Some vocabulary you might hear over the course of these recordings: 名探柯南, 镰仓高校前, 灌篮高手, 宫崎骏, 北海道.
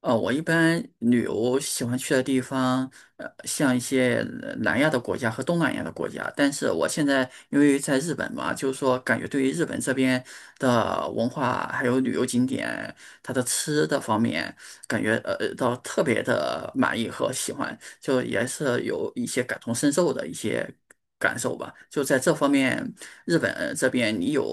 我一般旅游喜欢去的地方，像一些南亚的国家和东南亚的国家。但是我现在因为在日本嘛，就是说感觉对于日本这边的文化还有旅游景点，它的吃的方面，感觉到特别的满意和喜欢，就也是有一些感同身受的一些感受吧。就在这方面，日本这边你有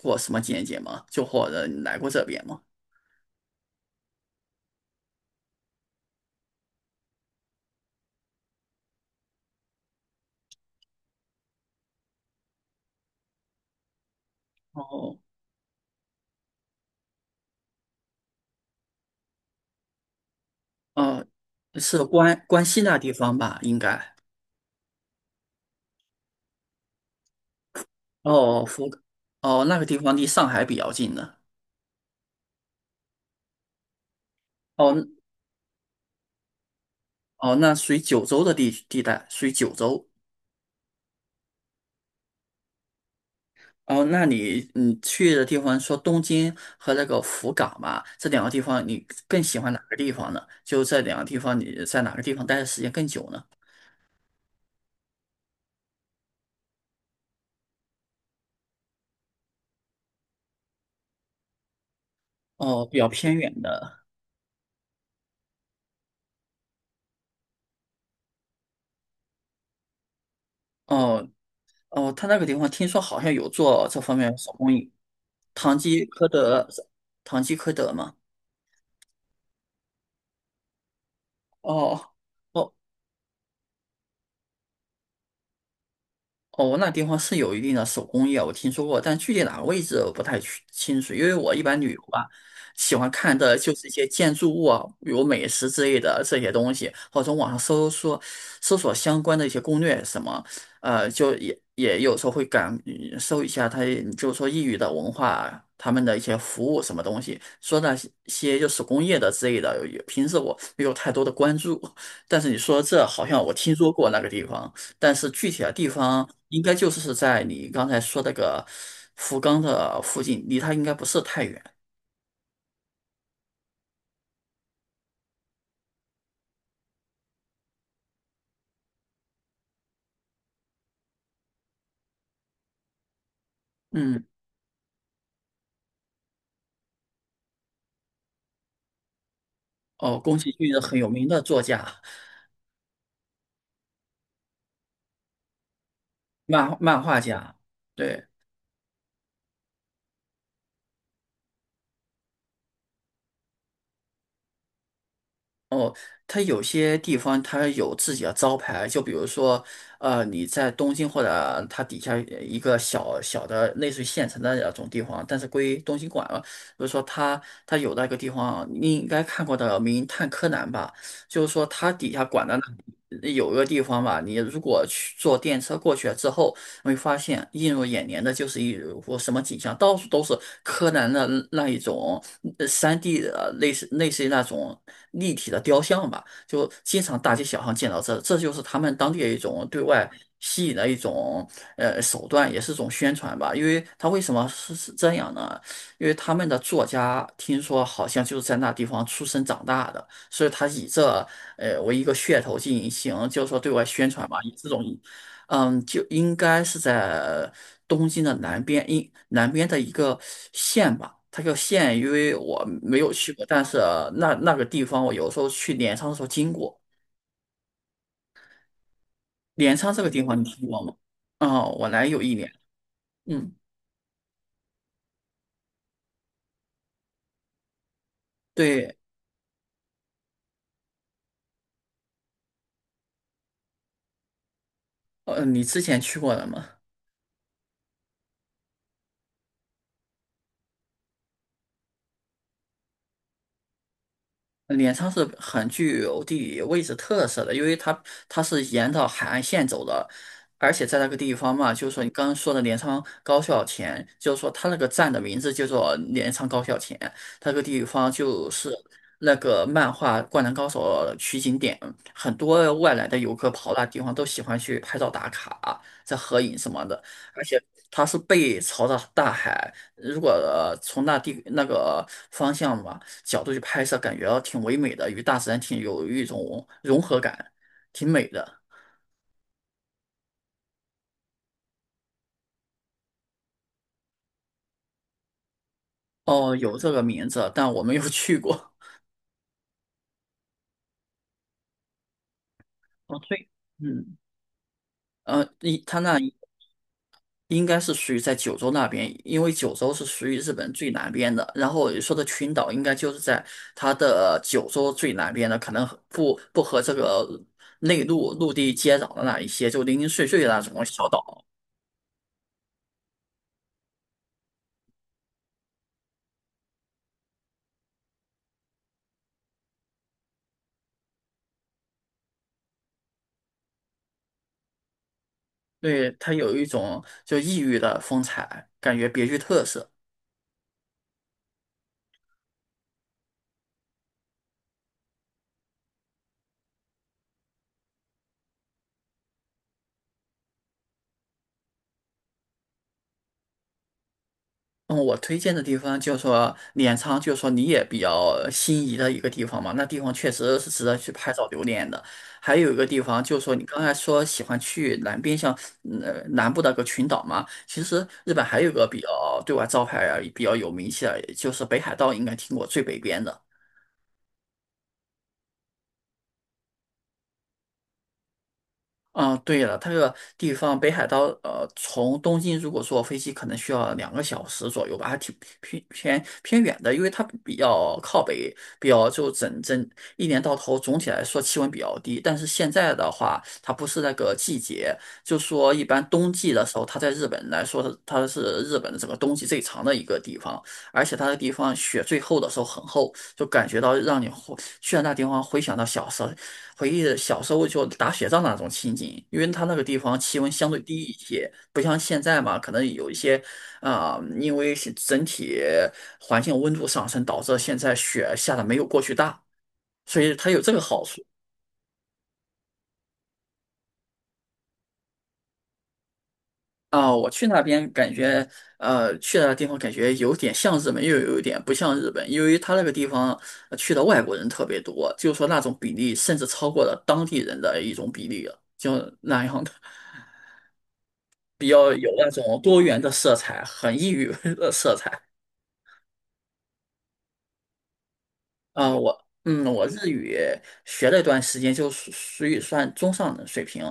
过什么见解吗？就或者你来过这边吗？哦。哦，是关西那地方吧？应该。哦，哦，那个地方离上海比较近的。哦哦，那属于九州的地带，属于九州。哦，那你去的地方说东京和那个福冈嘛，这两个地方你更喜欢哪个地方呢？就这两个地方，你在哪个地方待的时间更久呢？哦，比较偏远的。哦哦，他那个地方听说好像有做这方面的手工艺，唐吉诃德，唐吉诃德嘛。哦。哦哦，那地方是有一定的手工业，我听说过，但具体哪个位置我不太去清楚，因为我一般旅游吧，喜欢看的就是一些建筑物啊，比如美食之类的这些东西，或者从网上搜索相关的一些攻略什么，就也有时候会搜一下它，就是说异域的文化，他们的一些服务什么东西，说那些就手工业的之类的，平时我没有太多的关注，但是你说这好像我听说过那个地方。但是具体的地方应该就是在你刚才说那个福冈的附近，离它应该不是太远。嗯，哦，宫崎骏是很有名的作家、漫画家，对，哦，他有些地方他有自己的招牌，就比如说，你在东京或者它底下一个小小的类似于县城的那种地方，但是归东京管了。比如说他有那个地方，你应该看过的《名探柯南》吧？就是说它底下管的那有一个地方吧，你如果去坐电车过去之后，你会发现映入眼帘的就是一幅什么景象，到处都是柯南的那一种 3D 的类似于那种立体的雕像吧，就经常大街小巷见到这，这就是他们当地的一种对外吸引的一种手段，也是一种宣传吧。因为他为什么是这样呢？因为他们的作家听说好像就是在那地方出生长大的，所以他以这为一个噱头进行，就是说对外宣传嘛，以这种，嗯，就应该是在东京的南边，南边的一个县吧。它叫县，因为我没有去过，但是那个地方我有时候去镰仓的时候经过。镰仓这个地方你听过吗？嗯，我来有一年。嗯，对，你之前去过了吗？镰仓是很具有地理位置特色的，因为它是沿着海岸线走的，而且在那个地方嘛，就是说你刚刚说的镰仓高校前，就是说它那个站的名字叫做镰仓高校前，它那个地方就是那个漫画《灌篮高手》取景点，很多外来的游客跑那地方都喜欢去拍照打卡、在合影什么的，而且它是背朝着大海，如果从那个方向嘛，角度去拍摄，感觉挺唯美的，与大自然挺有一种融合感，挺美的。哦，有这个名字，但我没有去过。哦，对，嗯，一它那应该是属于在九州那边，因为九州是属于日本最南边的。然后你说的群岛，应该就是在它的九州最南边的，可能和不和这个内陆陆地接壤的那一些，就零零碎碎的那种小岛。对，它有一种就异域的风采，感觉别具特色。嗯，我推荐的地方就是说镰仓，就是说你也比较心仪的一个地方嘛。那地方确实是值得去拍照留念的。还有一个地方就是说，你刚才说喜欢去南边，像南部那个群岛嘛。其实日本还有一个比较对外招牌啊比较有名气的，就是北海道，应该听过最北边的。嗯，对了，它这个地方北海道，从东京如果坐飞机，可能需要2个小时左右吧，还挺偏远的，因为它比较靠北，比较就整整一年到头，总体来说气温比较低。但是现在的话，它不是那个季节，就说一般冬季的时候，它在日本来说，它是日本的整个冬季最长的一个地方，而且它的地方雪最厚的时候很厚，就感觉到让你回去了那地方，回想到小时候。回忆小时候就打雪仗那种情景，因为它那个地方气温相对低一些，不像现在嘛，可能有一些啊、因为是整体环境温度上升，导致现在雪下的没有过去大，所以它有这个好处啊、我去那边感觉，去那个地方感觉有点像日本，又有一点不像日本，因为它那个地方去的外国人特别多，就是说那种比例甚至超过了当地人的一种比例了，就那样的。比较有那种多元的色彩，很异域 的色彩。啊、我日语学了一段时间，就属于算中上的水平。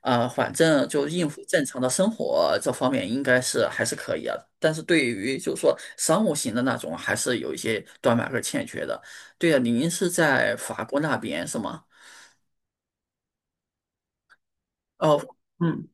啊。反正就应付正常的生活这方面，应该是还是可以啊。但是对于就是说商务型的那种，还是有一些短板和欠缺的。对啊，您是在法国那边是吗？哦，嗯。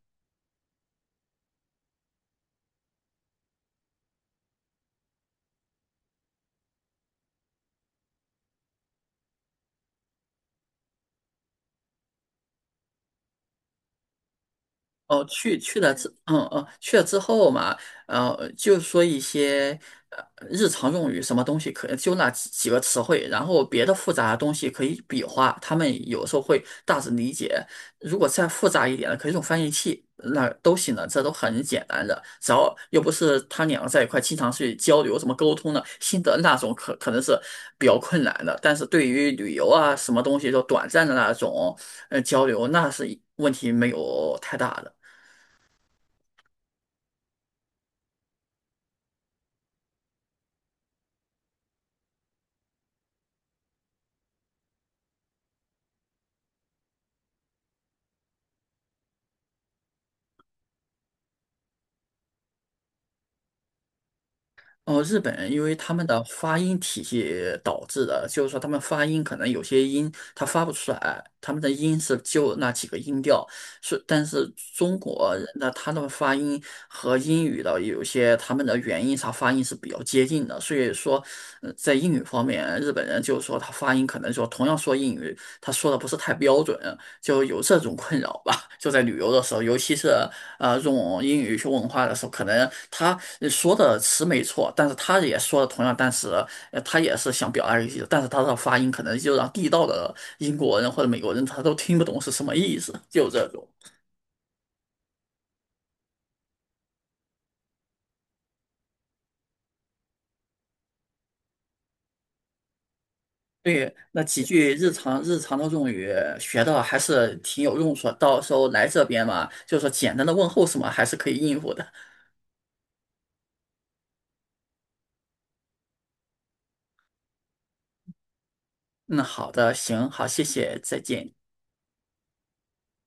哦，去了之后嘛，就说一些呃日常用语，什么东西可就那几个词汇，然后别的复杂的东西可以比划，他们有时候会大致理解。如果再复杂一点的，可以用翻译器，那都行的，这都很简单的，只要又不是他两个在一块经常去交流怎么沟通的，新的那种可能是比较困难的，但是对于旅游啊什么东西就短暂的那种交流，那是问题没有太大的。哦，日本人因为他们的发音体系导致的，就是说他们发音可能有些音他发不出来，他们的音是就那几个音调，是但是中国人的他的发音和英语的有些他们的元音啥发音是比较接近的，所以说在英语方面，日本人就是说他发音可能说同样说英语，他说的不是太标准，就有这种困扰吧，就在旅游的时候，尤其是。用英语去问话的时候，可能他说的词没错，但是他也说的同样单词，他也是想表达一思，但是他的发音可能就让地道的英国人或者美国人他都听不懂是什么意思，就这种。对，那几句日常的用语学到还是挺有用处的，到时候来这边嘛，就是说简单的问候什么还是可以应付的。嗯，好的，行，好，谢谢，再见。